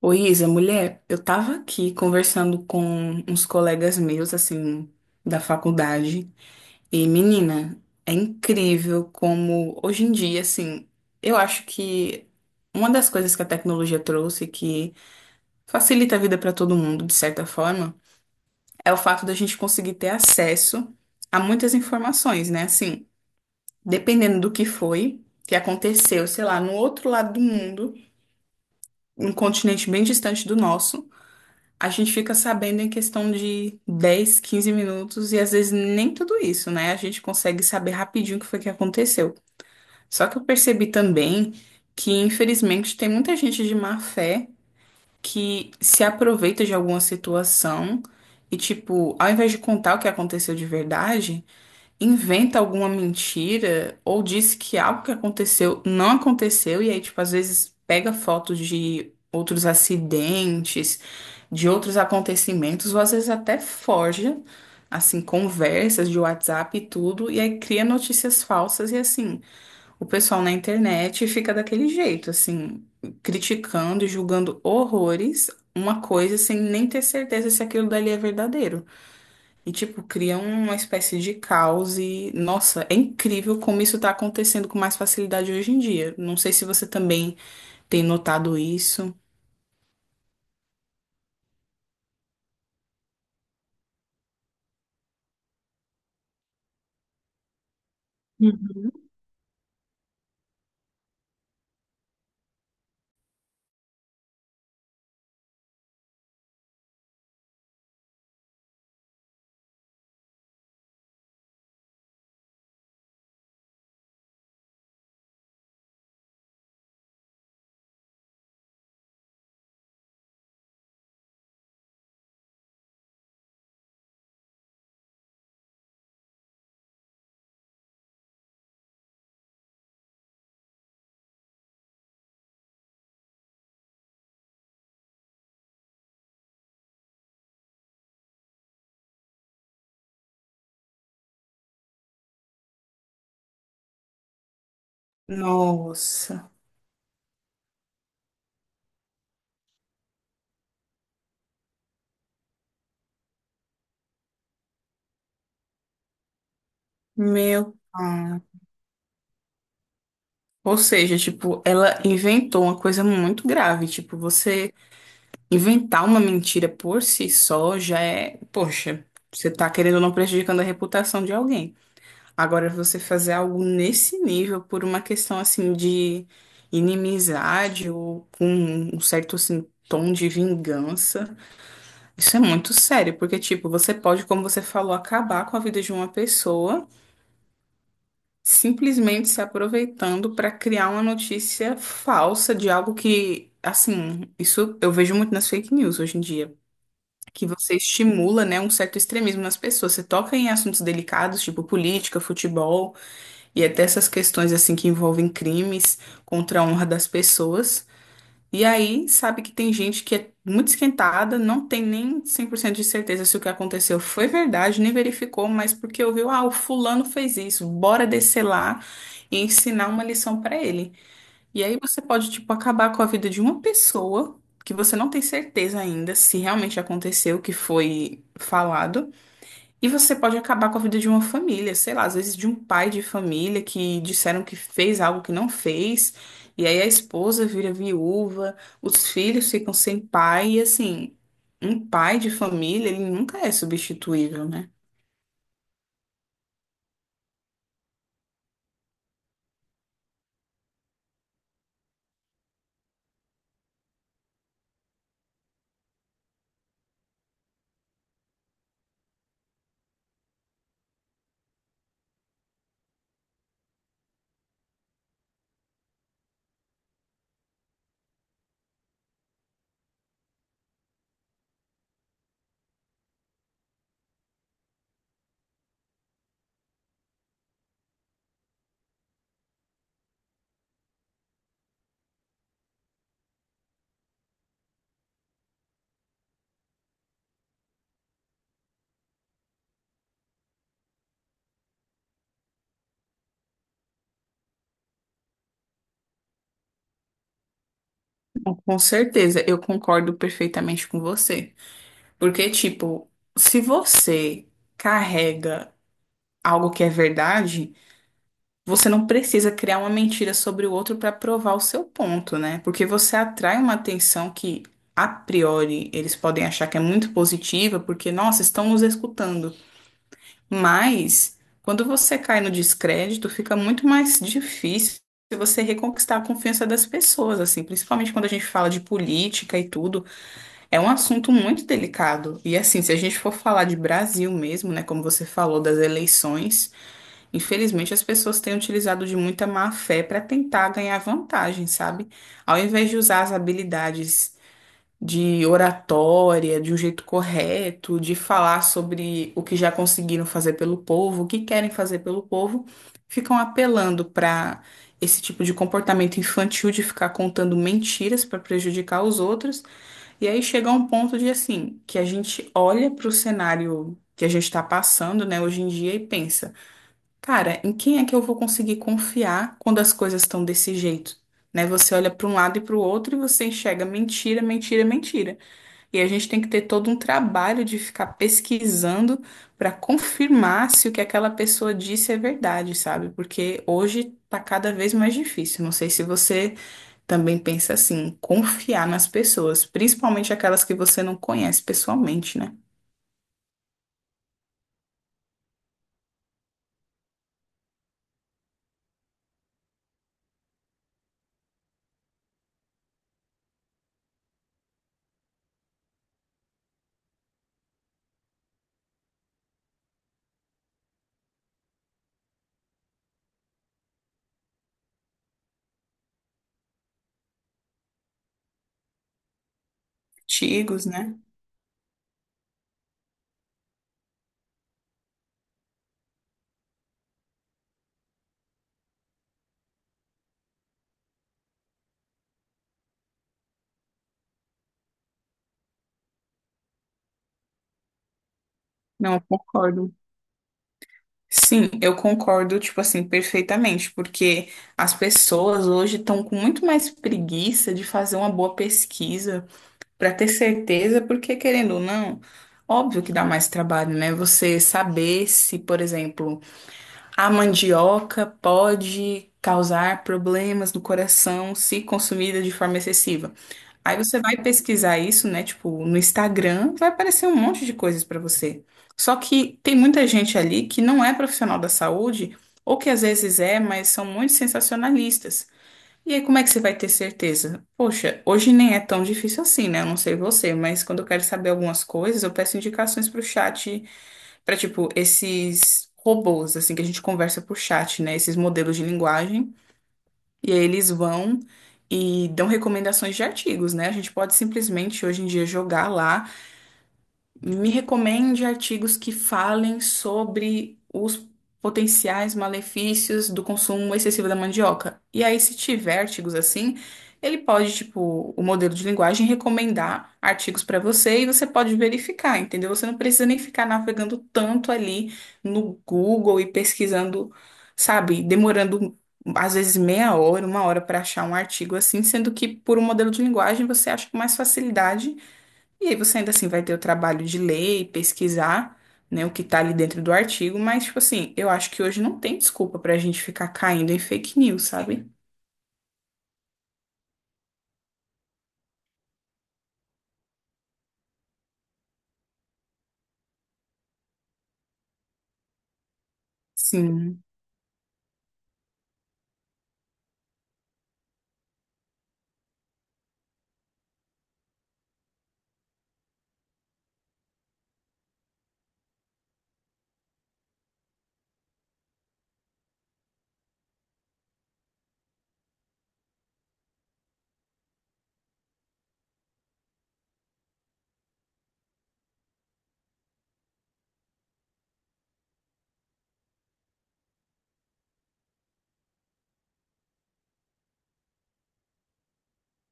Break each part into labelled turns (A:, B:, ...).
A: Ô Isa, mulher, eu tava aqui conversando com uns colegas meus, assim, da faculdade, e menina, é incrível como hoje em dia, assim, eu acho que uma das coisas que a tecnologia trouxe que facilita a vida pra todo mundo, de certa forma, é o fato da gente conseguir ter acesso a muitas informações, né? Assim, dependendo do que foi, que aconteceu, sei lá, no outro lado do mundo, um continente bem distante do nosso. A gente fica sabendo em questão de 10, 15 minutos e às vezes nem tudo isso, né? A gente consegue saber rapidinho o que foi que aconteceu. Só que eu percebi também que, infelizmente, tem muita gente de má fé que se aproveita de alguma situação e, tipo, ao invés de contar o que aconteceu de verdade, inventa alguma mentira ou diz que algo que aconteceu não aconteceu e aí, tipo, às vezes pega fotos de outros acidentes, de outros acontecimentos, ou às vezes até forja, assim, conversas de WhatsApp e tudo, e aí cria notícias falsas e assim, o pessoal na internet fica daquele jeito, assim, criticando e julgando horrores uma coisa sem nem ter certeza se aquilo dali é verdadeiro. E, tipo, cria uma espécie de caos e, nossa, é incrível como isso tá acontecendo com mais facilidade hoje em dia. Não sei se você também tem notado isso. Hum. Nossa, meu pai. Ou seja, tipo, ela inventou uma coisa muito grave. Tipo, você inventar uma mentira por si só já é, poxa, você tá querendo ou não prejudicando a reputação de alguém. Agora, você fazer algo nesse nível por uma questão assim de inimizade ou com um certo assim, tom de vingança, isso é muito sério, porque tipo, você pode, como você falou, acabar com a vida de uma pessoa simplesmente se aproveitando para criar uma notícia falsa de algo que, assim, isso eu vejo muito nas fake news hoje em dia. Que você estimula, né, um certo extremismo nas pessoas. Você toca em assuntos delicados, tipo política, futebol. E até essas questões assim que envolvem crimes contra a honra das pessoas. E aí, sabe que tem gente que é muito esquentada, não tem nem 100% de certeza se o que aconteceu foi verdade, nem verificou, mas porque ouviu, ah, o fulano fez isso, bora descer lá e ensinar uma lição pra ele. E aí você pode, tipo, acabar com a vida de uma pessoa que você não tem certeza ainda se realmente aconteceu o que foi falado. E você pode acabar com a vida de uma família, sei lá, às vezes de um pai de família que disseram que fez algo que não fez, e aí a esposa vira viúva, os filhos ficam sem pai, e assim, um pai de família, ele nunca é substituível, né? Bom, com certeza, eu concordo perfeitamente com você. Porque, tipo, se você carrega algo que é verdade. Você não precisa criar uma mentira sobre o outro para provar o seu ponto, né? Porque você atrai uma atenção que, a priori, eles podem achar que é muito positiva, porque, nossa, estão nos escutando. Mas, quando você cai no descrédito, fica muito mais difícil você reconquistar a confiança das pessoas, assim, principalmente quando a gente fala de política e tudo. É um assunto muito delicado. E, assim, se a gente for falar de Brasil mesmo, né, como você falou, das eleições. Infelizmente, as pessoas têm utilizado de muita má fé para tentar ganhar vantagem, sabe? Ao invés de usar as habilidades de oratória de um jeito correto, de falar sobre o que já conseguiram fazer pelo povo, o que querem fazer pelo povo, ficam apelando para esse tipo de comportamento infantil de ficar contando mentiras para prejudicar os outros. E aí chega a um ponto de assim, que a gente olha para o cenário que a gente está passando, né, hoje em dia e pensa. Cara, em quem é que eu vou conseguir confiar quando as coisas estão desse jeito? Né? Você olha para um lado e para o outro e você enxerga mentira, mentira, mentira. E a gente tem que ter todo um trabalho de ficar pesquisando para confirmar se o que aquela pessoa disse é verdade, sabe? Porque hoje tá cada vez mais difícil. Não sei se você também pensa assim, confiar nas pessoas, principalmente aquelas que você não conhece pessoalmente, né? Antigos, né? Não, eu concordo. Sim, eu concordo, tipo assim, perfeitamente, porque as pessoas hoje estão com muito mais preguiça de fazer uma boa pesquisa para ter certeza, porque querendo ou não, óbvio que dá mais trabalho, né? Você saber se, por exemplo, a mandioca pode causar problemas no coração se consumida de forma excessiva. Aí você vai pesquisar isso, né? Tipo, no Instagram, vai aparecer um monte de coisas pra você. Só que tem muita gente ali que não é profissional da saúde, ou que às vezes é, mas são muito sensacionalistas. E aí, como é que você vai ter certeza? Poxa, hoje nem é tão difícil assim, né? Eu não sei você, mas quando eu quero saber algumas coisas, eu peço indicações pro chat, pra tipo, esses robôs, assim, que a gente conversa por chat, né? Esses modelos de linguagem. E aí eles vão e dão recomendações de artigos, né? A gente pode simplesmente hoje em dia jogar lá. Me recomende artigos que falem sobre os potenciais malefícios do consumo excessivo da mandioca. E aí, se tiver artigos assim, ele pode, tipo, o modelo de linguagem recomendar artigos para você e você pode verificar, entendeu? Você não precisa nem ficar navegando tanto ali no Google e pesquisando, sabe, demorando às vezes meia hora, uma hora para achar um artigo assim, sendo que por um modelo de linguagem você acha com mais facilidade. E aí você ainda assim vai ter o trabalho de ler e pesquisar, né, o que tá ali dentro do artigo, mas, tipo assim, eu acho que hoje não tem desculpa pra gente ficar caindo em fake news, sabe? Sim.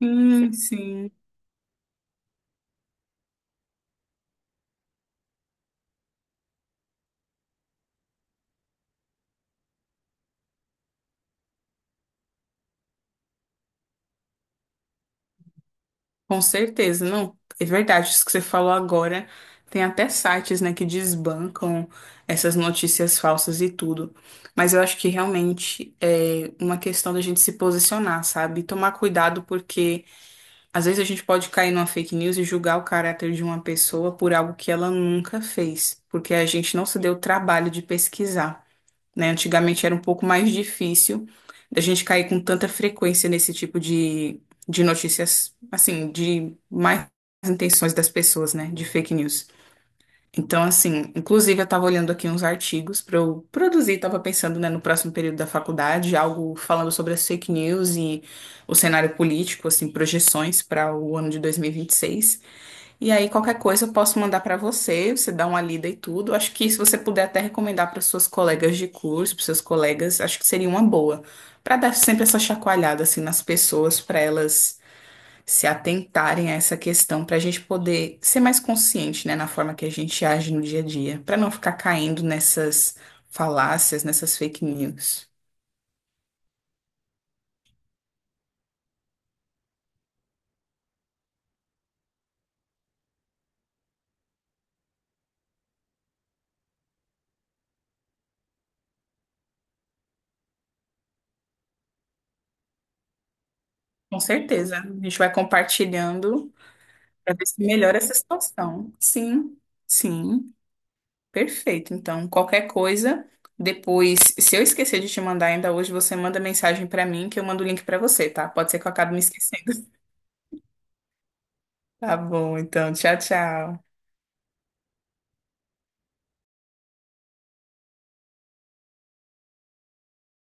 A: Sim, sim. Com certeza, não. É verdade, isso que você falou agora. Tem até sites, né, que desbancam essas notícias falsas e tudo. Mas eu acho que realmente é uma questão da gente se posicionar, sabe? Tomar cuidado porque às vezes a gente pode cair numa fake news e julgar o caráter de uma pessoa por algo que ela nunca fez, porque a gente não se deu o trabalho de pesquisar, né? Antigamente era um pouco mais difícil da gente cair com tanta frequência nesse tipo de notícias, assim, de mais intenções das pessoas, né? De fake news. Então, assim, inclusive eu estava olhando aqui uns artigos para eu produzir, estava pensando, né, no próximo período da faculdade, algo falando sobre as fake news e o cenário político, assim, projeções para o ano de 2026. E vinte e seis. E aí, qualquer coisa eu posso mandar para você, você dá uma lida e tudo. Acho que se você puder até recomendar para suas colegas de curso, para seus colegas, acho que seria uma boa, para dar sempre essa chacoalhada, assim, nas pessoas, para elas se atentarem a essa questão para a gente poder ser mais consciente, né, na forma que a gente age no dia a dia, para não ficar caindo nessas falácias, nessas fake news. Com certeza, a gente vai compartilhando para ver se melhora essa situação. Sim, sim, perfeito. Então, qualquer coisa, depois, se eu esquecer de te mandar ainda hoje, você manda mensagem para mim que eu mando o link para você, tá? Pode ser que eu acabe me esquecendo. Tá bom, então, tchau, tchau.